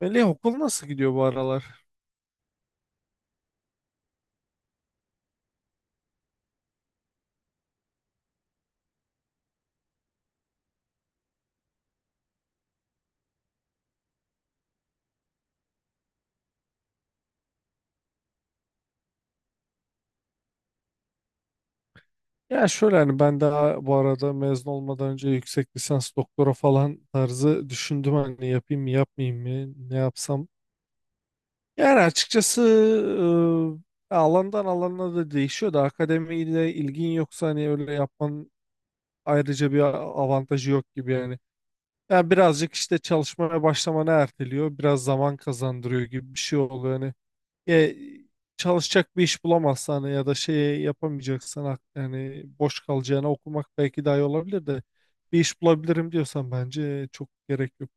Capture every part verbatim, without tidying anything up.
Melih okul nasıl gidiyor bu aralar? Ya şöyle, hani ben daha bu arada mezun olmadan önce yüksek lisans doktora falan tarzı düşündüm, hani yapayım mı yapmayayım mı, ne yapsam. Yani açıkçası, e, alandan alana da değişiyor da, akademiyle ilgin yoksa hani öyle yapman ayrıca bir avantajı yok gibi yani. Yani birazcık işte çalışmaya başlamanı erteliyor, biraz zaman kazandırıyor gibi bir şey oluyor. Hani e, çalışacak bir iş bulamazsan ya da şey yapamayacaksan, hak- yani boş kalacağına okumak belki daha iyi olabilir de, bir iş bulabilirim diyorsan bence çok gerek yok.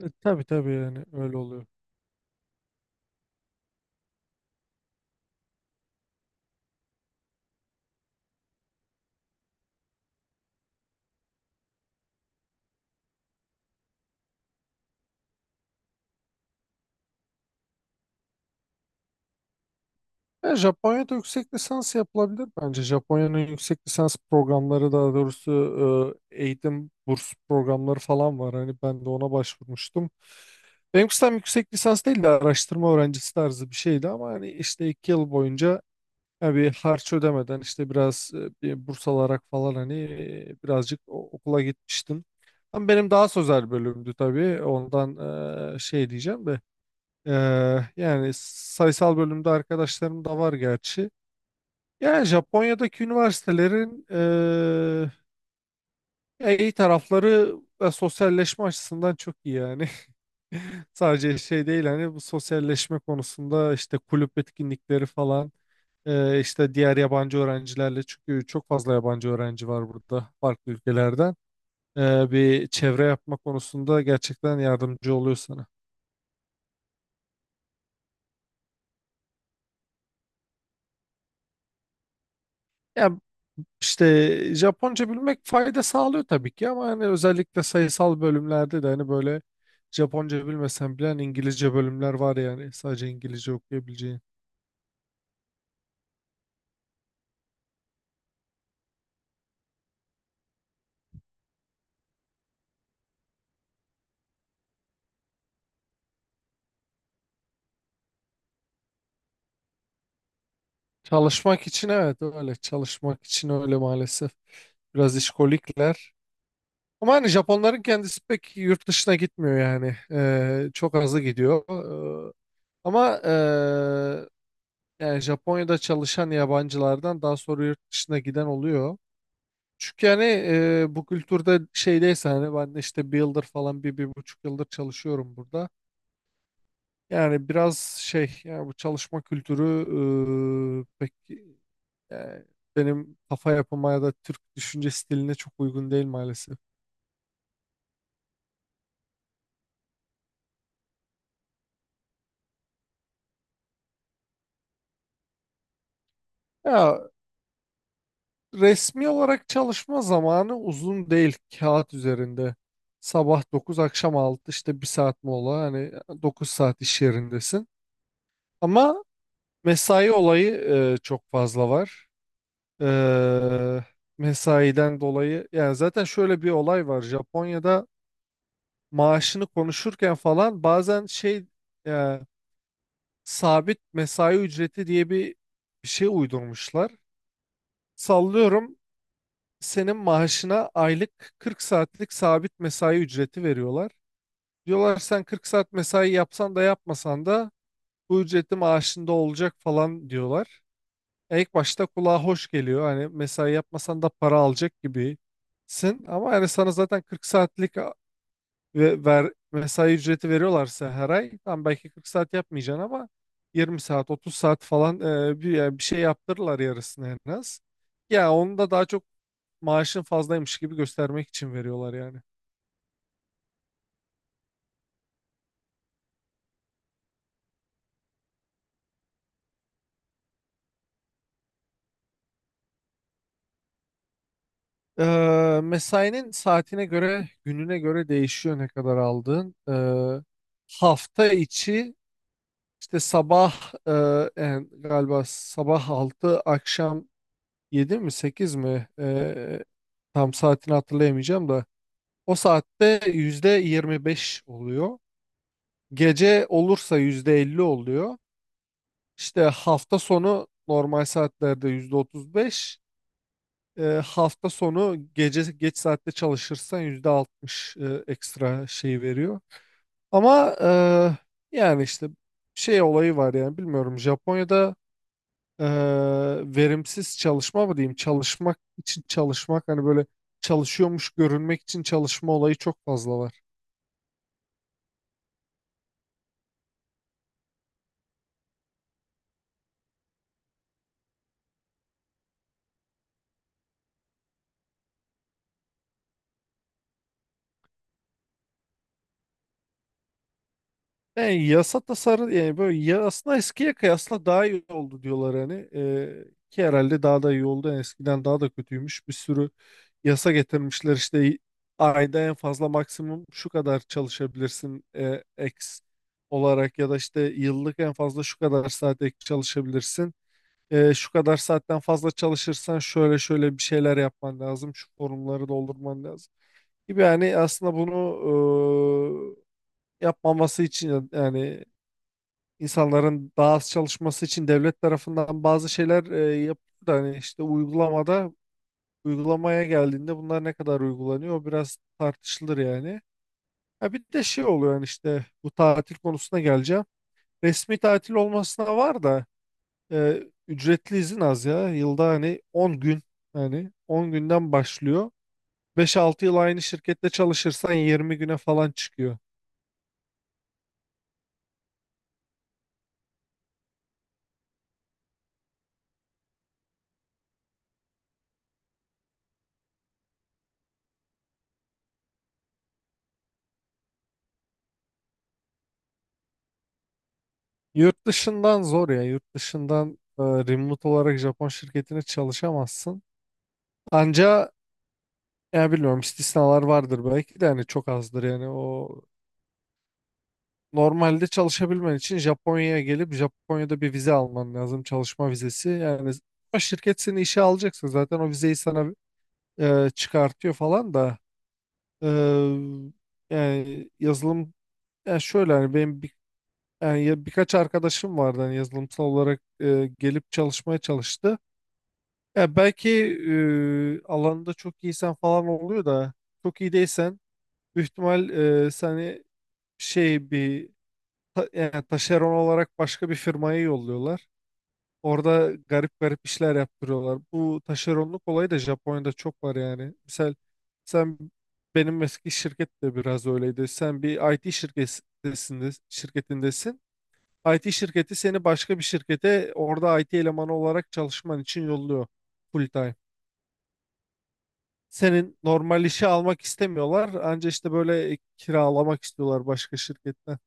E, tabii tabii, yani öyle oluyor. E, Japonya'da yüksek lisans yapılabilir bence. Japonya'nın yüksek lisans programları, daha doğrusu e, eğitim burs programları falan var. Hani ben de ona başvurmuştum. Benimkisi tam yüksek lisans değil de araştırma öğrencisi tarzı bir şeydi, ama hani işte iki yıl boyunca, ya bir harç ödemeden, işte biraz e, bir burs alarak falan, hani e, birazcık o- okula gitmiştim. Ama benim daha sözel bölümdü tabii. Ondan e, şey diyeceğim de, e, yani sayısal bölümde arkadaşlarım da var gerçi. Yani Japonya'daki üniversitelerin e, ya iyi tarafları ve sosyalleşme açısından çok iyi yani. Sadece şey değil, hani bu sosyalleşme konusunda işte kulüp etkinlikleri falan, e, işte diğer yabancı öğrencilerle, çünkü çok fazla yabancı öğrenci var burada farklı ülkelerden. E, bir çevre yapma konusunda gerçekten yardımcı oluyor sana. Ya işte Japonca bilmek fayda sağlıyor tabii ki, ama hani özellikle sayısal bölümlerde de hani böyle, Japonca bilmesen bile hani İngilizce bölümler var, yani sadece İngilizce okuyabileceğin. Çalışmak için evet, öyle. Çalışmak için öyle maalesef. Biraz işkolikler. Ama hani Japonların kendisi pek yurt dışına gitmiyor yani. Ee, çok azı gidiyor. Ee, ama ee, yani Japonya'da çalışan yabancılardan daha sonra yurt dışına giden oluyor. Çünkü yani ee, bu kültürde şeydeyse, hani ben de işte bir yıldır falan, bir, bir buçuk yıldır çalışıyorum burada. Yani biraz şey, yani bu çalışma kültürü ee, pek, yani benim kafa yapıma ya da Türk düşünce stiline çok uygun değil maalesef. Ya resmi olarak çalışma zamanı uzun değil, kağıt üzerinde. Sabah dokuz, akşam altı, işte bir saat mola, hani dokuz saat iş yerindesin. Ama mesai olayı e, çok fazla var. E, Mesaiden dolayı yani zaten şöyle bir olay var. Japonya'da maaşını konuşurken falan, bazen şey, e, sabit mesai ücreti diye bir, bir şey uydurmuşlar. Sallıyorum, senin maaşına aylık kırk saatlik sabit mesai ücreti veriyorlar. Diyorlar sen kırk saat mesai yapsan da yapmasan da bu ücreti maaşında olacak falan diyorlar. E, İlk başta kulağa hoş geliyor. Hani mesai yapmasan da para alacak gibisin. Ama yani sana zaten kırk saatlik ve ver, mesai ücreti veriyorlarsa, her ay tam belki kırk saat yapmayacaksın ama yirmi saat otuz saat falan, e, bir, yani bir şey yaptırırlar, yarısını en az. Ya onu da daha çok maaşın fazlaymış gibi göstermek için veriyorlar yani. Ee, mesainin saatine göre, gününe göre değişiyor ne kadar aldığın. Ee, hafta içi, işte sabah, e, yani galiba sabah altı, akşam yedi mi sekiz mi, Ee, tam saatini hatırlayamayacağım da. O saatte yüzde yirmi beş oluyor. Gece olursa yüzde elli oluyor. İşte hafta sonu normal saatlerde yüzde otuz beş. E, hafta sonu gece geç saatte çalışırsan yüzde altmış e, ekstra şey veriyor. Ama e, yani işte şey olayı var, yani bilmiyorum, Japonya'da e, verimsiz çalışma mı diyeyim, çalışmak için çalışmak, hani böyle çalışıyormuş görünmek için çalışma olayı çok fazla var. Yani yasa tasarı, yani böyle ya, aslında eskiye kıyasla daha iyi oldu diyorlar hani, Ee, ki herhalde daha da iyi oldu. Yani eskiden daha da kötüymüş, bir sürü yasa getirmişler. İşte ayda en fazla maksimum şu kadar çalışabilirsin e, X olarak, ya da işte yıllık en fazla şu kadar saat ek çalışabilirsin. E, şu kadar saatten fazla çalışırsan şöyle şöyle bir şeyler yapman lazım, şu formları doldurman lazım gibi. Yani aslında bunu e, yapmaması için, yani insanların daha az çalışması için devlet tarafından bazı şeyler e, yapılıyor da, hani işte uygulamada, uygulamaya geldiğinde bunlar ne kadar uygulanıyor o biraz tartışılır yani. Ha bir de şey oluyor, yani işte bu tatil konusuna geleceğim. Resmi tatil olmasına var da, e, ücretli izin az ya. Yılda hani on gün, hani on günden başlıyor. beş altı yıl aynı şirkette çalışırsan yirmi güne falan çıkıyor. Yurt dışından zor ya. Yurt dışından e, remote olarak Japon şirketine çalışamazsın. Anca, ya bilmiyorum, istisnalar vardır belki de, yani çok azdır yani. O normalde çalışabilmen için Japonya'ya gelip Japonya'da bir vize alman lazım, çalışma vizesi. Yani o şirket seni işe alacaksa zaten o vizeyi sana e, çıkartıyor falan da. e, Yani yazılım, yani şöyle hani benim bir, yani ya- birkaç arkadaşım vardı hani, yazılımsal olarak e, gelip çalışmaya çalıştı. Ya belki, eee, alanında çok iyisen falan oluyor da, çok iyi değilsen büyük ihtimal eee seni şey, bir ta- yani taşeron olarak başka bir firmaya yolluyorlar. Orada garip garip işler yaptırıyorlar. Bu taşeronluk olayı da Japonya'da çok var yani. Misal sen, benim eski şirket de biraz öyleydi. Sen bir I T şirketindesin, şirketindesin. I T şirketi seni başka bir şirkete, orada I T elemanı olarak çalışman için yolluyor, full time. Senin normal işi almak istemiyorlar. Anca işte böyle kiralamak istiyorlar başka şirketten.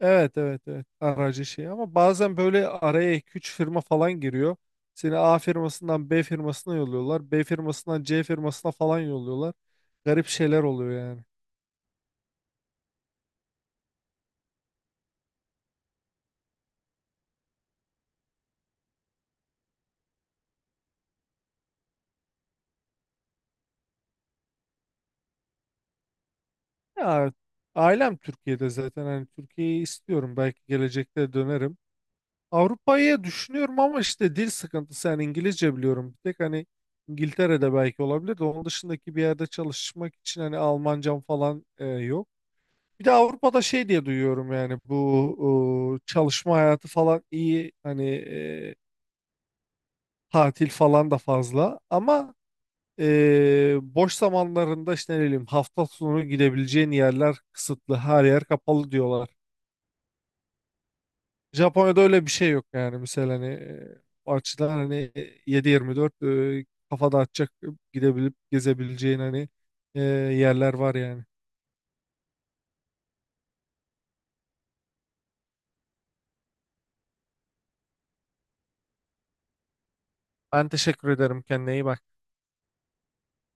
Evet, evet, evet, aracı şey. Ama bazen böyle araya iki üç firma falan giriyor. Seni A firmasından B firmasına yolluyorlar, B firmasından C firmasına falan yolluyorlar. Garip şeyler oluyor yani. Ya, ailem Türkiye'de zaten, hani Türkiye'yi istiyorum. Belki gelecekte dönerim. Avrupa'yı düşünüyorum ama işte dil sıkıntısı, yani İngilizce biliyorum. Bir tek hani İngiltere'de belki olabilir de, onun dışındaki bir yerde çalışmak için hani Almancam falan e, yok. Bir de Avrupa'da şey diye duyuyorum, yani bu e, çalışma hayatı falan iyi hani, e, tatil falan da fazla ama e, boş zamanlarında işte ne bileyim, hafta sonu gidebileceğin yerler kısıtlı, her yer kapalı diyorlar. Japonya'da öyle bir şey yok yani. Mesela hani e, o açıdan hani yedi yirmi dört, e, kafada açacak, e, gidebilip gezebileceğin, hani e, yerler var yani. Ben teşekkür ederim. Kendine iyi bak.